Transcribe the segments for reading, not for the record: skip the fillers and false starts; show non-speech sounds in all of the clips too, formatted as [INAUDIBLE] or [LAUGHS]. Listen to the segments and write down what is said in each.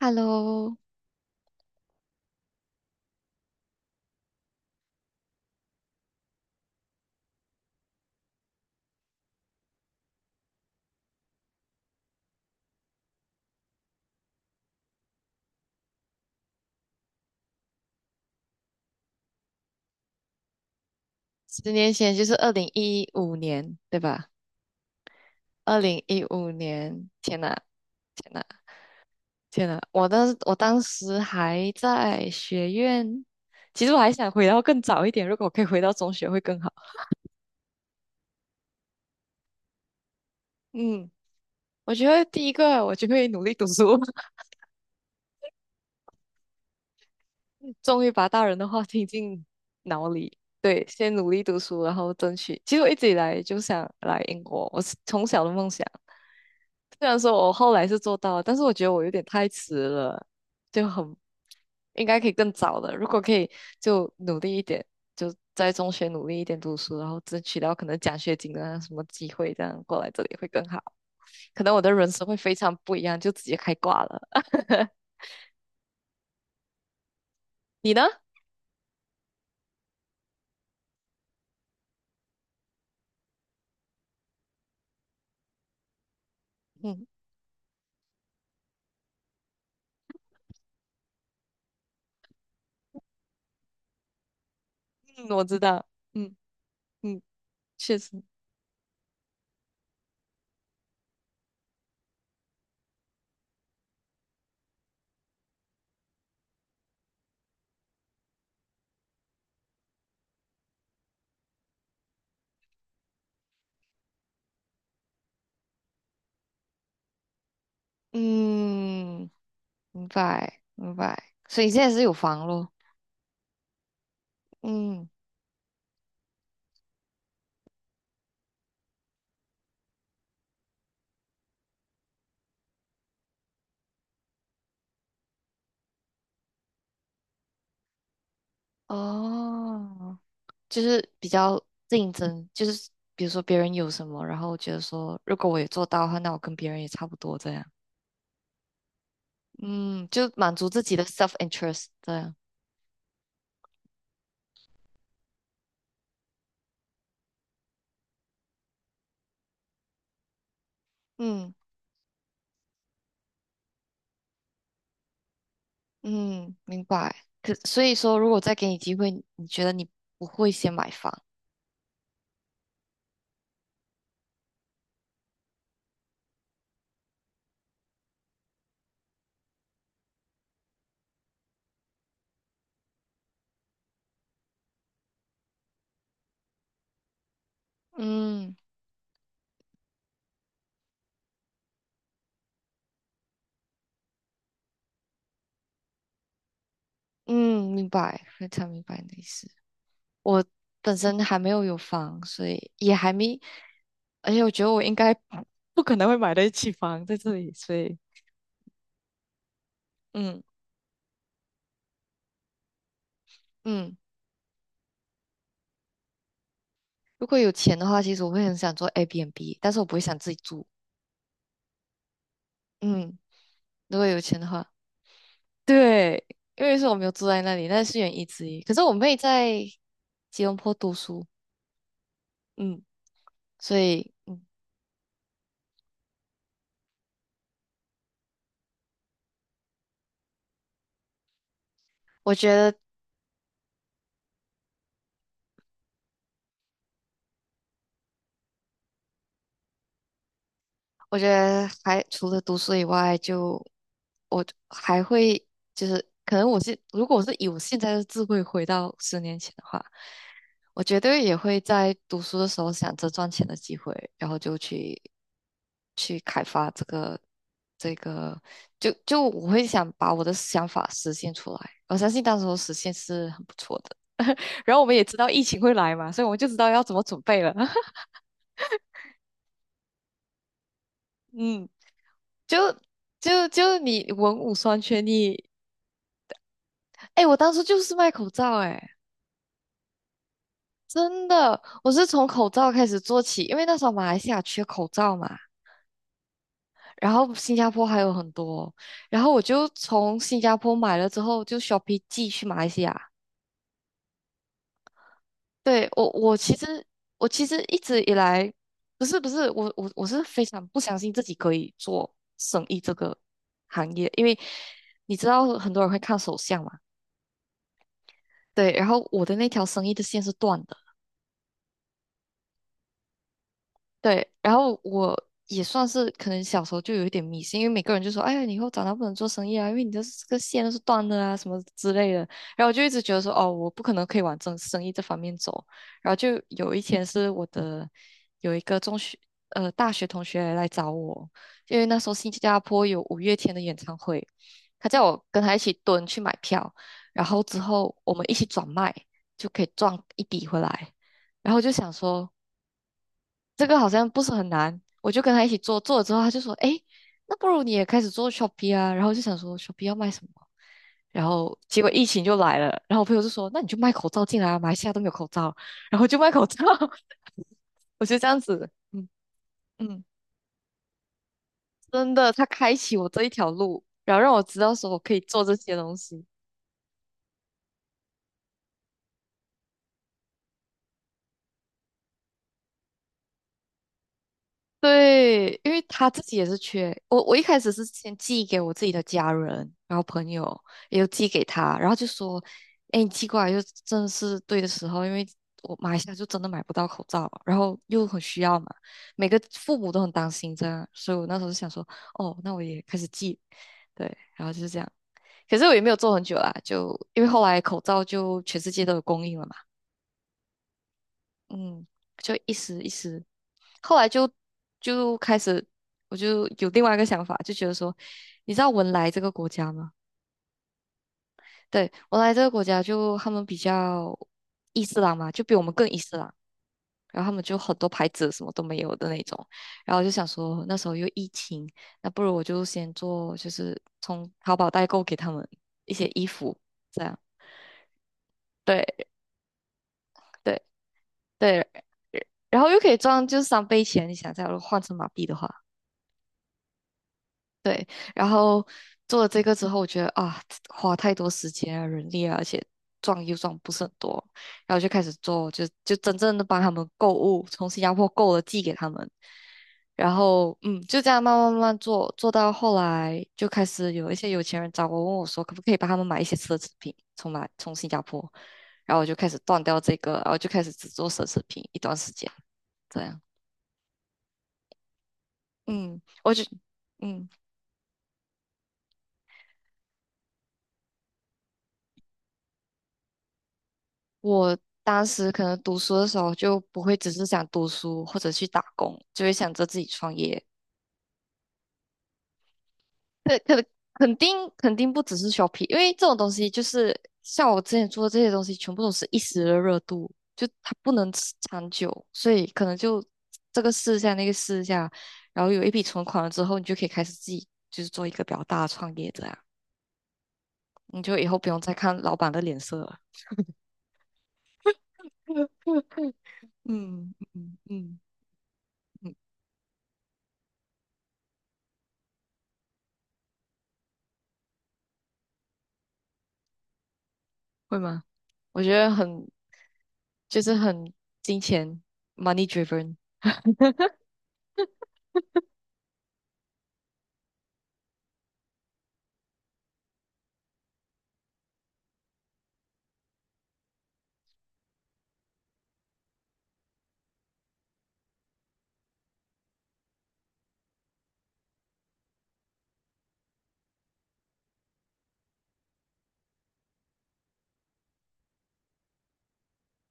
Hello，10年前就是二零一五年，对吧？二零一五年，天呐，天呐，天呐！我当时还在学院。其实我还想回到更早一点，如果我可以回到中学会更好。嗯，我觉得第一个我就会努力读书。[LAUGHS] 终于把大人的话听进脑里。对，先努力读书，然后争取。其实我一直以来就想来英国，我是从小的梦想。虽然说我后来是做到了，但是我觉得我有点太迟了，就很应该可以更早的。如果可以，就努力一点，就在中学努力一点读书，然后争取到可能奖学金啊什么机会，这样过来这里会更好。可能我的人生会非常不一样，就直接开挂了。你呢？嗯嗯，我知道，嗯嗯，确实，嗯，明白明白。所以现在是有房咯，嗯哦。就是比较竞争，就是比如说别人有什么，然后我觉得说如果我也做到的话，那我跟别人也差不多这样。嗯，就满足自己的 self interest 这样。嗯嗯，明白。可所以说，如果再给你机会，你觉得你不会先买房？嗯嗯，明白，非常明白你的意思。我本身还没有有房，所以也还没，而且我觉得我应该 [LAUGHS] 不可能会买得起房在这里，所以嗯嗯。如果有钱的话，其实我会很想做 Airbnb，但是我不会想自己住。嗯，如果有钱的话，对，因为是我没有住在那里，那是原因之一。可是我妹在吉隆坡读书。嗯，所以我觉得，我觉得还除了读书以外就，我还会就是，可能如果我是以我现在的智慧回到十年前的话，我绝对也会在读书的时候想着赚钱的机会，然后就去开发这个，就我会想把我的想法实现出来。我相信到时候实现是很不错的。然后我们也知道疫情会来嘛，所以我们就知道要怎么准备了。[LAUGHS] 嗯，就就你文武双全，你哎，我当初就是卖口罩哎。真的，我是从口罩开始做起，因为那时候马来西亚缺口罩嘛。然后新加坡还有很多。然后我就从新加坡买了之后，就 shopping 寄去马来西亚。对，我其实一直以来不是我是非常不相信自己可以做生意这个行业，因为你知道很多人会看手相嘛。对，然后我的那条生意的线是断的。对，然后我也算是可能小时候就有一点迷信，因为每个人就说：“哎呀，你以后长大不能做生意啊，因为你的这个线都是断的啊，什么之类的。”然后我就一直觉得说：“哦，我不可能可以往这生意这方面走。”然后就有一天是我的有一个大学同学来找我，因为那时候新加坡有五月天的演唱会，他叫我跟他一起蹲去买票，然后之后我们一起转卖就可以赚一笔回来。然后就想说。这个好像不是很难，我就跟他一起做，做了之后他就说，哎，那不如你也开始做 Shopee 啊，然后我就想说 Shopee 要卖什么，然后结果疫情就来了，然后我朋友就说，那你就卖口罩进来啊，马来西亚都没有口罩，然后就卖口罩。[LAUGHS] 我就这样子。嗯嗯，真的，他开启我这一条路，然后让我知道说我可以做这些东西。对，因为他自己也是缺我。我一开始是先寄给我自己的家人，然后朋友也有寄给他，然后就说：“哎，你寄过来就真的是对的时候，因为我马来西亚就真的买不到口罩，然后又很需要嘛，每个父母都很担心这样，所以我那时候就想说，哦，那我也开始寄，对，然后就是这样。可是我也没有做很久啦，就因为后来口罩就全世界都有供应了嘛。嗯，就一时一时，后来就开始，我就有另外一个想法，就觉得说，你知道文莱这个国家吗？对，文莱这个国家就他们比较伊斯兰嘛，就比我们更伊斯兰，然后他们就很多牌子什么都没有的那种，然后我就想说那时候又疫情，那不如我就先做，就是从淘宝代购给他们一些衣服，这样，对对对，然后又可以赚就是3倍钱，你想一下，如果换成马币的话。对，然后做了这个之后，我觉得啊，花太多时间啊、人力啊，而且赚又赚不是很多，然后就开始做，就真正的帮他们购物，从新加坡购了寄给他们，然后就这样慢慢慢慢做，做到后来就开始有一些有钱人找我，问我说可不可以帮他们买一些奢侈品，从新加坡，然后我就开始断掉这个，然后就开始只做奢侈品一段时间，这样。嗯，我就。嗯。我当时可能读书的时候就不会只是想读书或者去打工，就会想着自己创业。可可肯定肯定不只是 Shopee，因为这种东西就是像我之前做的这些东西，全部都是一时的热度，就它不能持长久，所以可能就这个试一下那个试一下，然后有一笔存款了之后，你就可以开始自己就是做一个比较大的创业者啊，你就以后不用再看老板的脸色了。嗯嗯嗯嗯，会吗？我觉得很。就是很金钱 money driven，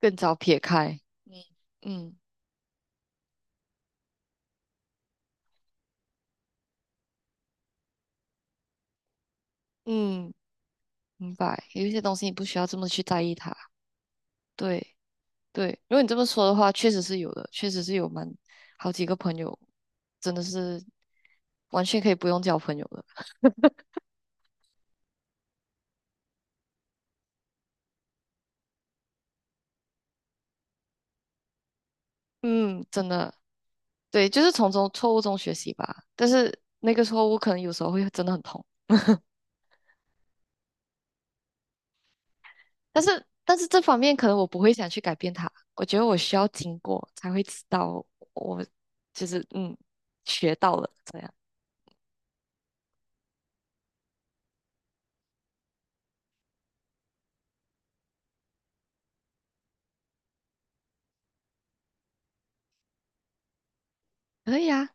更早撇开。嗯，嗯嗯，明白。有一些东西你不需要这么去在意它。对对，如果你这么说的话，确实是有的，确实是有蛮好几个朋友，真的是完全可以不用交朋友的。嗯，真的，对，就是从中错误中学习吧。但是那个错误可能有时候会真的很痛。[LAUGHS] 但是这方面可能我不会想去改变它，我觉得我需要经过才会知道我就是学到了这样，可以啊，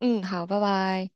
嗯，好，拜拜。